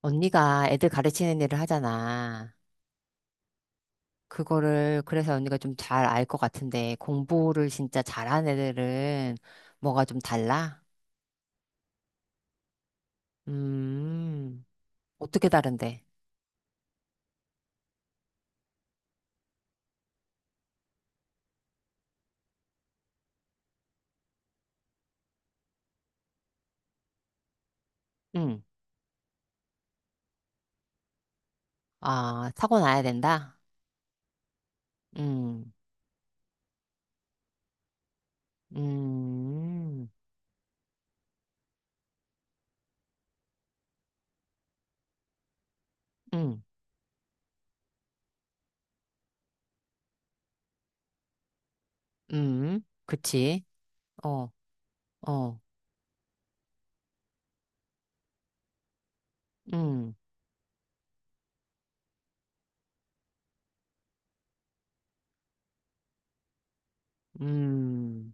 언니가 애들 가르치는 일을 하잖아. 그거를, 그래서 언니가 좀 잘 알 것 같은데, 공부를 진짜 잘하는 애들은 뭐가 좀 달라? 음, 어떻게 다른데? 응. 아, 사고 나야 된다? 응, 음, 음, 음, 그치. 어, 어, 음, 음.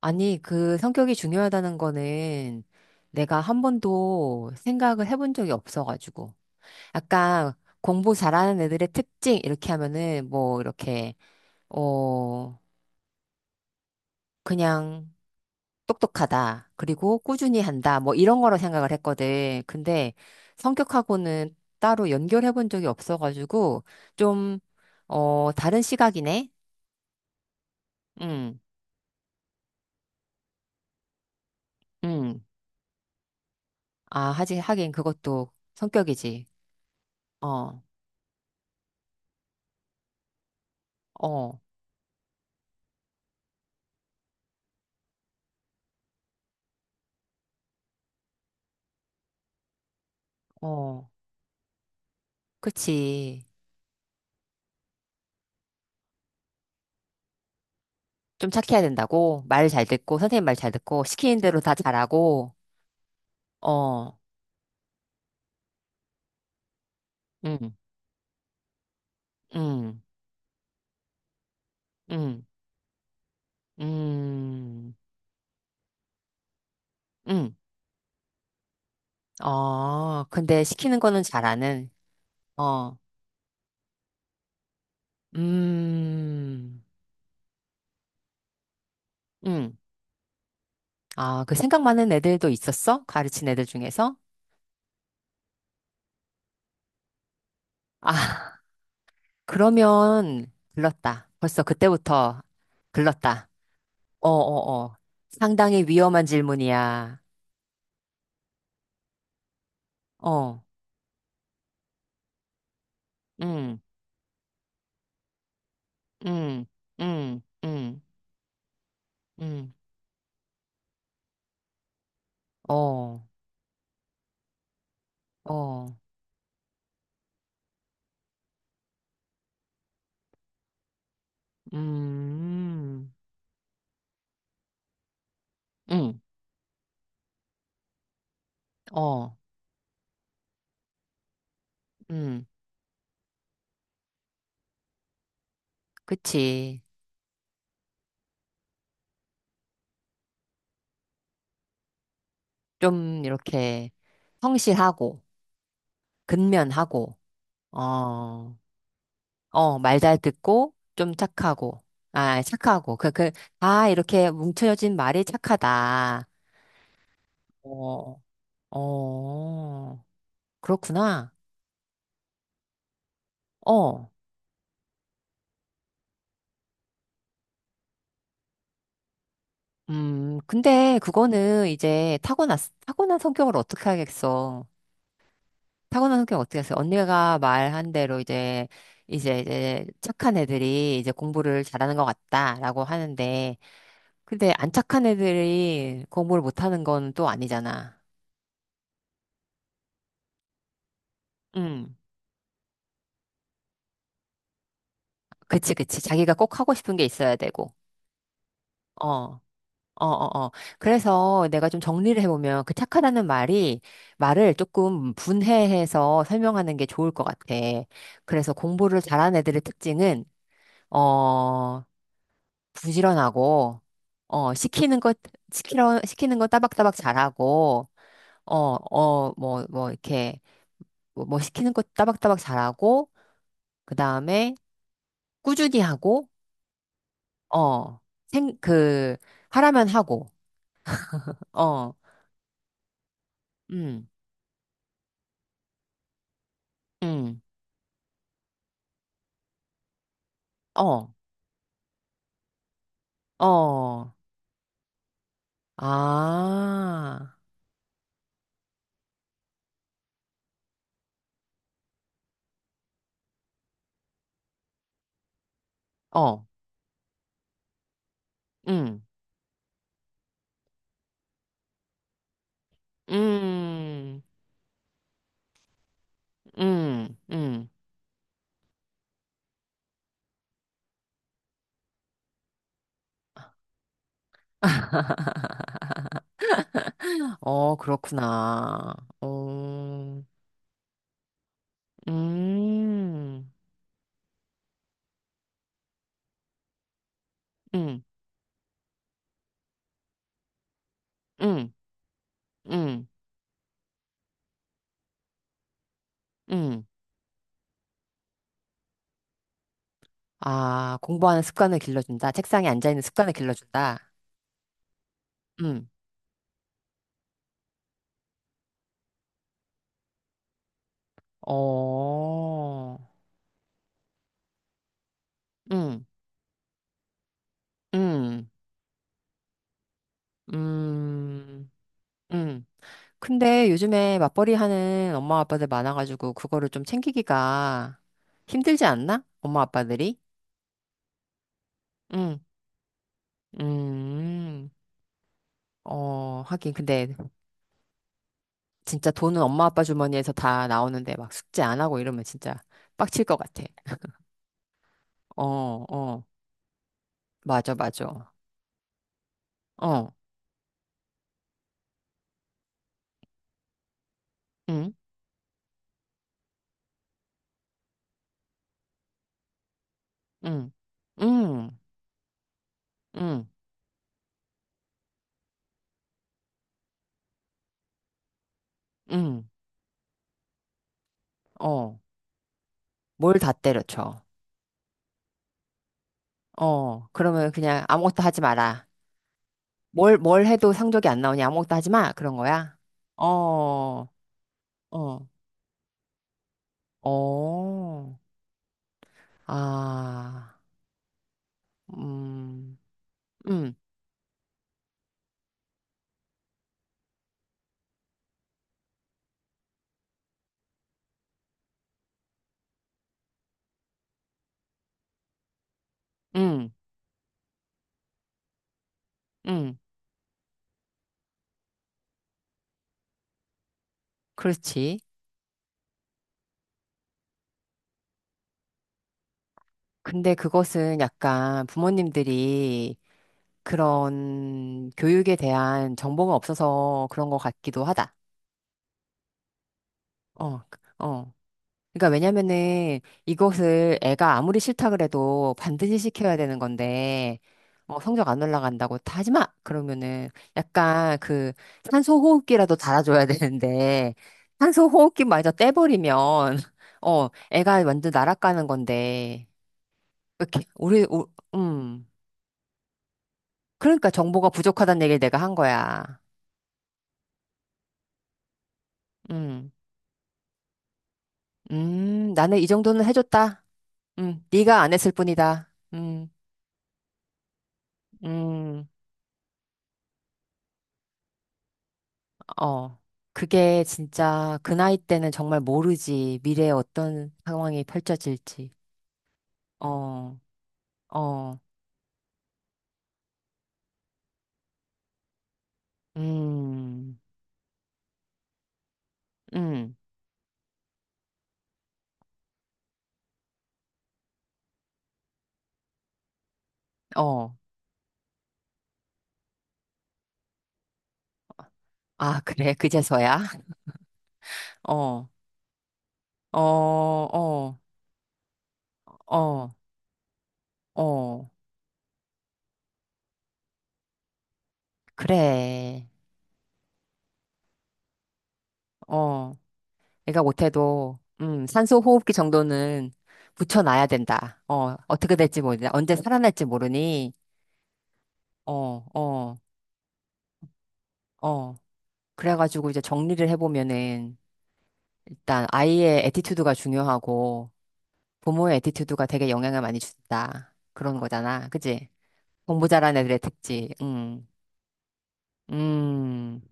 아니, 그 성격이 중요하다는 거는 내가 한 번도 생각을 해본 적이 없어가지고. 아까 공부 잘하는 애들의 특징 이렇게 하면은 뭐 이렇게 어 그냥 똑똑하다. 그리고 꾸준히 한다. 뭐 이런 거로 생각을 했거든. 근데 성격하고는 따로 연결해 본 적이 없어가지고 좀 어 다른 시각이네. 응. 응. 아, 하지 하긴 그것도 성격이지. 어. 어. 어. 그치. 좀 착해야 된다고. 말 잘 듣고 선생님 말 잘 듣고 시키는 대로 다 잘하고 어. 음, 음, 음, 음, 음. 어, 근데 시키는 거는 잘하는, 어, 음, 음. 아, 그 생각 많은 애들도 있었어? 가르친 애들 중에서? 아, 그러면 글렀다. 벌써 그때부터 글렀다. 어, 어, 어. 상당히 위험한 질문이야. 어, 음, 음, 음, 음, 음. 어, 어, 음, 음, 어. 음, 그치. 좀 이렇게 성실하고, 근면하고, 어, 어, 말 잘 듣고, 좀 착하고, 아, 착하고, 다 이렇게 뭉쳐진 말이 착하다. 어, 어, 그렇구나. 어, 근데 그거는 이제 타고났, 타고난 성격을 어떻게 하겠어. 타고난 성격 어떻게 했어요? 언니가 말한 대로 이제, 이제, 이제 착한 애들이 이제 공부를 잘하는 것 같다라고 하는데, 근데 안 착한 애들이 공부를 못하는 건 또 아니잖아. 음 그치, 그치. 자기가 꼭 하고 싶은 게 있어야 되고. 어. 어, 어, 어. 그래서 내가 좀 정리를 해보면 그 착하다는 말이 말을 조금 분해해서 설명하는 게 좋을 것 같아. 그래서 공부를 잘하는 애들의 특징은, 어, 부지런하고, 어, 시키는 것, 시키는 거 따박따박 잘하고, 어, 어, 이렇게, 뭐 시키는 것 따박따박 잘하고, 그 다음에 꾸준히 하고, 어, 생, 그, 하라면 하고, 어, 음, 음, 어, 어, 아, 어, 음, 음, 음. 어, 그렇구나. 어. 음, 음, 음, 음, 음. 아, 공부하는 습관을 길러준다. 책상에 앉아있는 습관을 길러준다. 음, 어, 음, 음, 음, 음. 근데 요즘에 맞벌이 하는 엄마 아빠들 많아가지고 그거를 좀 챙기기가 힘들지 않나? 엄마 아빠들이? 음, 음, 어, 하긴. 근데 진짜 돈은 엄마 아빠 주머니에서 다 나오는데 막 숙제 안 하고 이러면 진짜 빡칠 것 같아. 어, 어, 맞아, 맞아. 어, 응, 응, 응, 응, 응, 어, 뭘 다 때려쳐. 어, 그러면 그냥 아무것도 하지 마라. 뭘 해도 상적이 안 나오니 아무것도 하지 마. 그런 거야? 어, 어, 어, 아, 음, 음, 음, 음, 그렇지. 근데 그것은 약간 부모님들이 그런 교육에 대한 정보가 없어서 그런 것 같기도 하다. 어, 그- 어. 그러니까 왜냐면은 이것을 애가 아무리 싫다 그래도 반드시 시켜야 되는 건데, 어, 성적 안 올라간다고 다 하지 마! 그러면은 약간 그 산소 호흡기라도 달아줘야 되는데, 산소 호흡기마저 떼버리면, 어, 애가 완전 날아가는 건데, 이렇게, 음. 그러니까 정보가 부족하다는 얘기를 내가 한 거야. 음, 나는 이 정도는 해줬다. 네가 안 했을 뿐이다. 음. 어. 그게 진짜 그 나이 때는 정말 모르지. 미래에 어떤 상황이 펼쳐질지. 어, 어, 음, 음, 어. 아, 그래. 그제서야? 어, 어, 어, 어, 어. 그래. 어. 내가 못해도, 산소 호흡기 정도는 붙여놔야 된다. 어, 어떻게 될지 모르니. 언제 살아날지 모르니. 어, 어, 어. 그래가지고 이제 정리를 해보면은, 일단 아이의 애티튜드가 중요하고 부모의 애티튜드가 되게 영향을 많이 준다. 그런 거잖아. 그치? 공부 잘하는 애들의 특징. 음. 음.